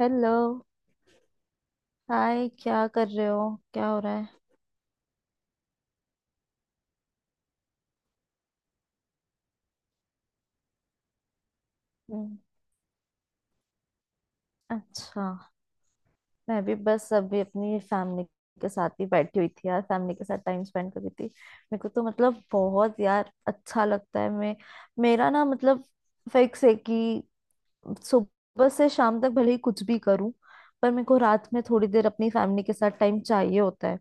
Hello. Hi, क्या कर रहे हो? क्या हो रहा है? हम्म, अच्छा। मैं भी बस अभी अपनी फैमिली के साथ ही बैठी हुई थी यार, फैमिली के साथ टाइम स्पेंड कर रही थी। मेरे को तो मतलब बहुत यार अच्छा लगता है। मैं मेरा ना मतलब फिक्स है कि सुबह से शाम तक भले ही कुछ भी करूं, पर मेरे को रात में थोड़ी देर अपनी फैमिली के साथ टाइम चाहिए होता है।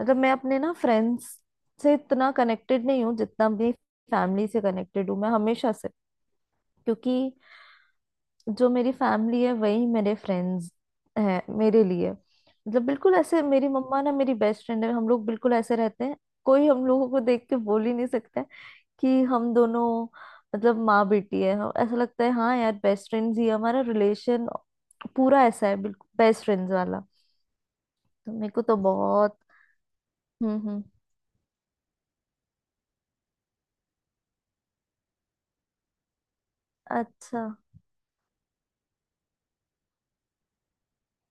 मतलब मैं अपने ना फ्रेंड्स से इतना कनेक्टेड नहीं हूँ जितना अपनी फैमिली से कनेक्टेड हूँ, मैं हमेशा से। क्योंकि जो मेरी फैमिली है वही मेरे फ्रेंड्स हैं मेरे लिए। मतलब बिल्कुल ऐसे, मेरी मम्मा ना मेरी बेस्ट फ्रेंड है। हम लोग बिल्कुल ऐसे रहते हैं, कोई हम लोगों को देख के बोल ही नहीं सकता कि हम दोनों मतलब माँ बेटी है। ऐसा लगता है हाँ यार बेस्ट फ्रेंड्स ही है। हमारा रिलेशन पूरा ऐसा है, बिल्कुल बेस्ट फ्रेंड्स वाला। तो मेरे को तो बहुत। हम्म। हम्म, अच्छा।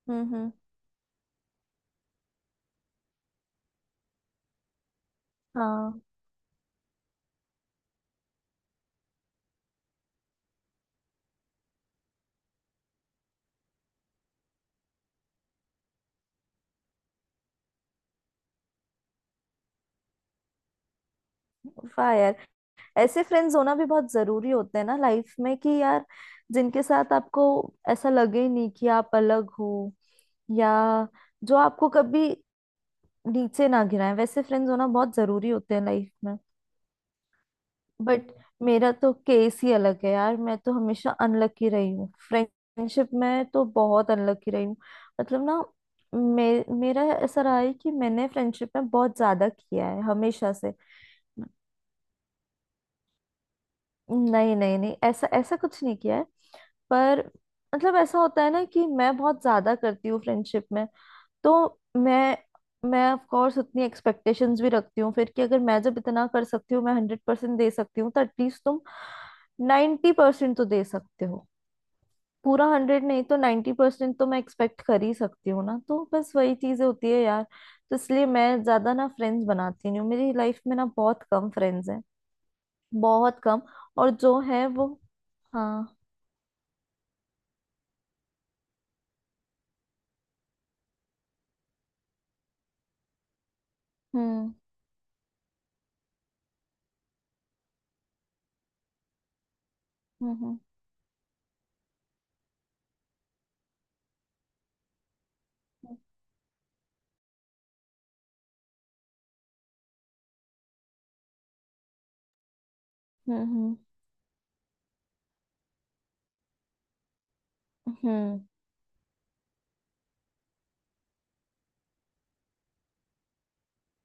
हम्म। हम्म। हाँ। वाह यार, ऐसे फ्रेंड्स होना भी बहुत जरूरी होते हैं ना लाइफ में कि यार जिनके साथ आपको ऐसा लगे ही नहीं कि आप अलग हो, या जो आपको कभी नीचे ना गिराए, वैसे फ्रेंड्स होना बहुत जरूरी होते हैं लाइफ में। बट मेरा तो केस ही अलग है यार, मैं तो हमेशा अनलकी रही हूँ फ्रेंडशिप में, तो बहुत अनलकी रही हूँ। मतलब ना, मेरा ऐसा रहा है कि मैंने फ्रेंडशिप में बहुत ज्यादा किया है हमेशा से। नहीं नहीं नहीं, ऐसा ऐसा कुछ नहीं किया है। पर मतलब ऐसा होता है ना कि मैं बहुत ज्यादा करती हूँ फ्रेंडशिप में, तो मैं ऑफ कोर्स उतनी एक्सपेक्टेशंस भी रखती हूँ फिर कि अगर मैं जब इतना कर सकती हूँ, मैं हंड्रेड परसेंट दे सकती हूँ, तो एटलीस्ट तुम नाइन्टी परसेंट तो दे सकते हो। पूरा हंड्रेड नहीं तो नाइन्टी परसेंट तो मैं एक्सपेक्ट कर ही सकती हूँ ना। तो बस वही चीजें होती है यार। तो इसलिए मैं ज्यादा ना फ्रेंड्स बनाती नहीं हूँ, मेरी लाइफ में ना बहुत कम फ्रेंड्स हैं, बहुत कम। और जो है वो। हाँ। हम्म। हम्म। हम्म। हम्म। हम्म। हम्म।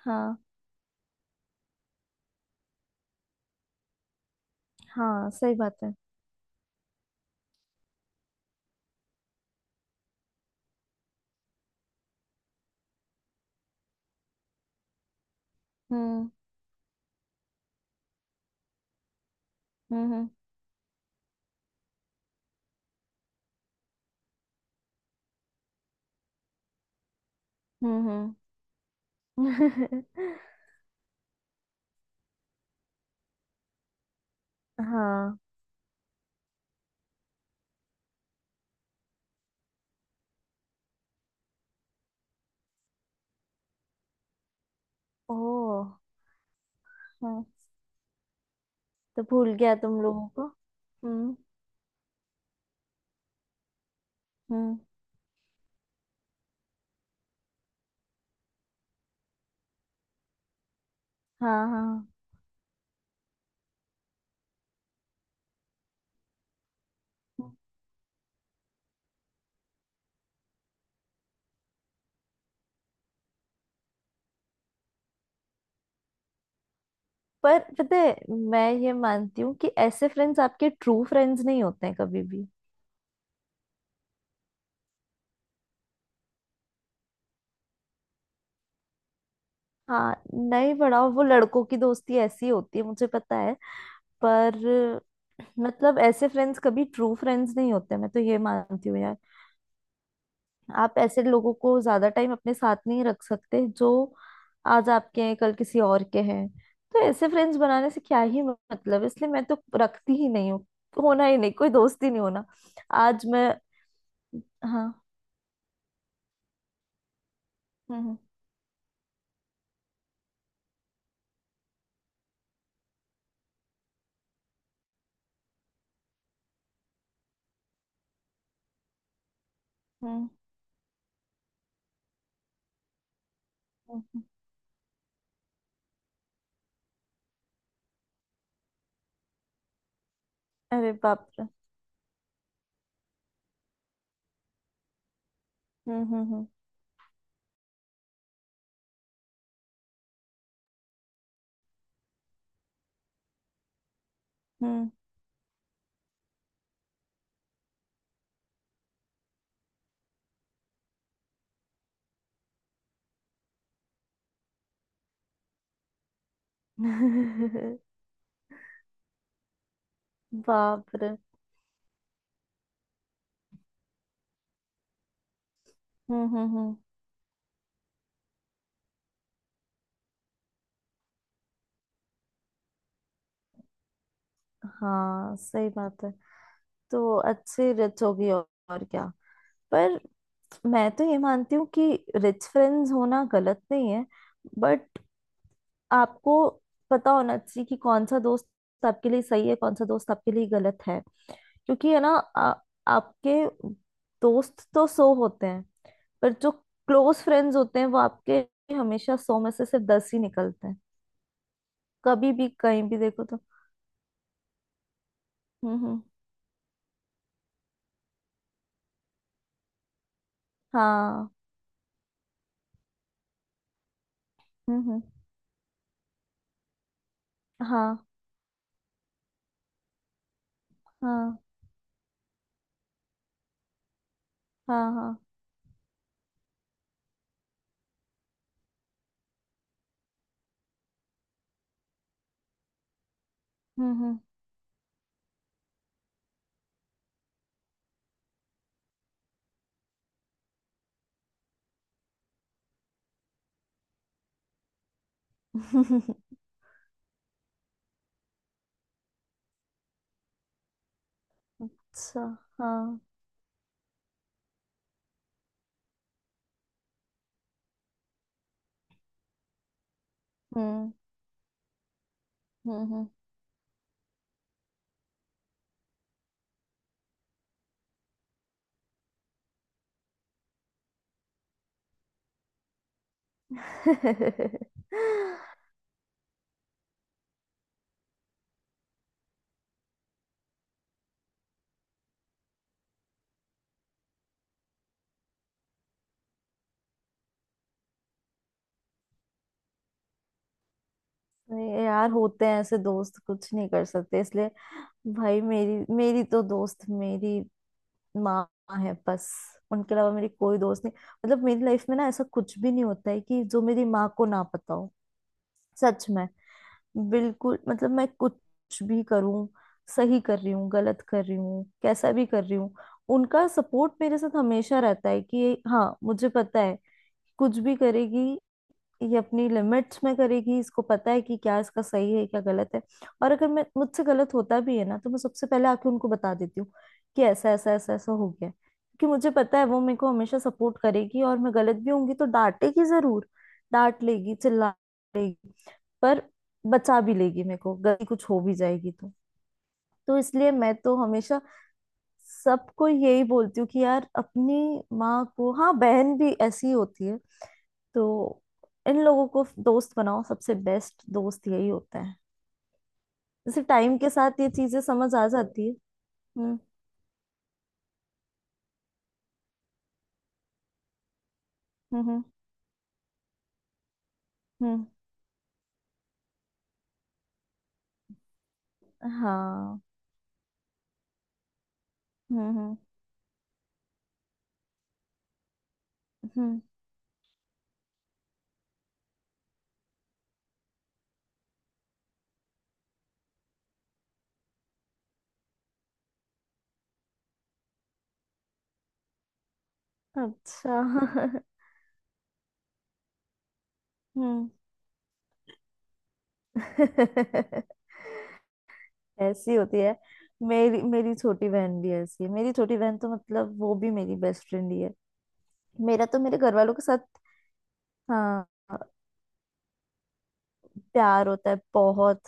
हाँ। हाँ, सही बात है। हम्म। हम्म। हम्म। हम्म। हाँ। ओ। हाँ, तो भूल गया तुम लोगों को। हम्म। हम्म। हाँ, हाँ। पर पता है, मैं ये मानती हूँ कि ऐसे फ्रेंड्स आपके ट्रू फ्रेंड्स नहीं होते हैं कभी भी। हाँ, नहीं बढ़ाओ। वो लड़कों की दोस्ती ऐसी होती है, मुझे पता है। पर मतलब ऐसे फ्रेंड्स कभी ट्रू फ्रेंड्स नहीं होते, मैं तो ये मानती हूँ। आप ऐसे लोगों को ज्यादा टाइम अपने साथ नहीं रख सकते जो आज आपके हैं कल किसी और के हैं। तो ऐसे फ्रेंड्स बनाने से क्या ही मतलब, इसलिए मैं तो रखती ही नहीं हूँ, होना ही नहीं, कोई दोस्ती नहीं होना। आज मैं। हाँ। हम्म। हम्म। हम्म, हम्म। अरे बाप रे। हम्म। हम्म। हम्म। हम्म। बाप रे। हम्म। हम्म। हम्म। हाँ, सही बात है। तो अच्छी रिच होगी और क्या। पर मैं तो ये मानती हूँ कि रिच फ्रेंड्स होना गलत नहीं है, बट आपको पता होना चाहिए कि कौन सा दोस्त आपके लिए सही है, कौन सा दोस्त आपके लिए गलत है। क्योंकि है ना आ, आपके दोस्त तो सौ होते हैं, पर जो क्लोज फ्रेंड्स होते हैं वो आपके हमेशा सौ में से सिर्फ दस ही निकलते हैं। कभी भी कहीं भी देखो तो। हम्म। हम्म। हाँ। हम्म। हम्म। हाँ। हाँ। हाँ। हाँ। हम्म। हम्म। अच्छा। हाँ। हम्म। हम्म। हम्म। नहीं, यार होते हैं ऐसे दोस्त, कुछ नहीं कर सकते इसलिए। भाई मेरी मेरी तो दोस्त मेरी माँ है बस, उनके अलावा मेरी कोई दोस्त नहीं। मतलब मेरी लाइफ में ना ऐसा कुछ भी नहीं होता है कि जो मेरी माँ को ना पता हो, सच में। बिल्कुल मतलब मैं कुछ भी करूँ, सही कर रही हूँ गलत कर रही हूँ कैसा भी कर रही हूँ, उनका सपोर्ट मेरे साथ हमेशा रहता है। कि हाँ मुझे पता है, कुछ भी करेगी ये अपनी लिमिट्स में करेगी, इसको पता है कि क्या इसका सही है क्या गलत है। और अगर मैं मुझसे गलत होता भी है ना, तो मैं सबसे पहले आके उनको बता देती हूँ कि ऐसा ऐसा ऐसा ऐसा हो गया। क्योंकि मुझे पता है वो मेरे को हमेशा सपोर्ट करेगी, और मैं गलत भी होंगी तो डांटेगी जरूर, डांट लेगी, चिल्ला लेगी, पर बचा भी लेगी मेरे को। गलती कुछ हो भी जाएगी तो। तो इसलिए मैं तो हमेशा सबको यही बोलती हूँ कि यार अपनी माँ को, हाँ बहन भी ऐसी ही होती है, तो इन लोगों को दोस्त बनाओ, सबसे बेस्ट दोस्त यही होता है। जैसे टाइम के साथ ये चीजें समझ आ जाती है। हम्म। हम्म। हम्म। हाँ। हम्म। हम्म। हम्म, अच्छा। हम्म। ऐसी होती है। मेरी मेरी छोटी बहन भी ऐसी है, मेरी छोटी बहन तो मतलब वो भी मेरी बेस्ट फ्रेंड ही है। मेरा तो मेरे घर वालों के साथ। हाँ, प्यार होता है बहुत,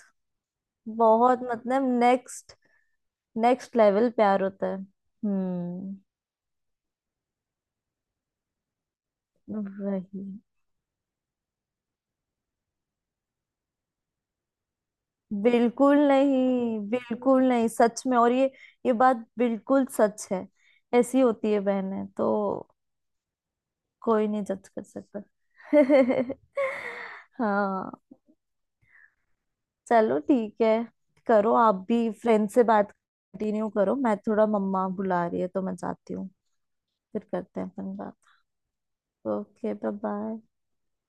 बहुत। मतलब नेक्स्ट नेक्स्ट लेवल प्यार होता है। हम्म, वही। बिल्कुल नहीं सच में। और ये बात बिल्कुल सच है, ऐसी होती है बहनें तो। कोई नहीं जज कर सकता। हाँ। चलो ठीक है, करो आप भी फ्रेंड से बात कंटिन्यू करो, मैं थोड़ा मम्मा बुला रही है तो मैं जाती हूँ। फिर करते हैं अपन बात। Okay bye bye.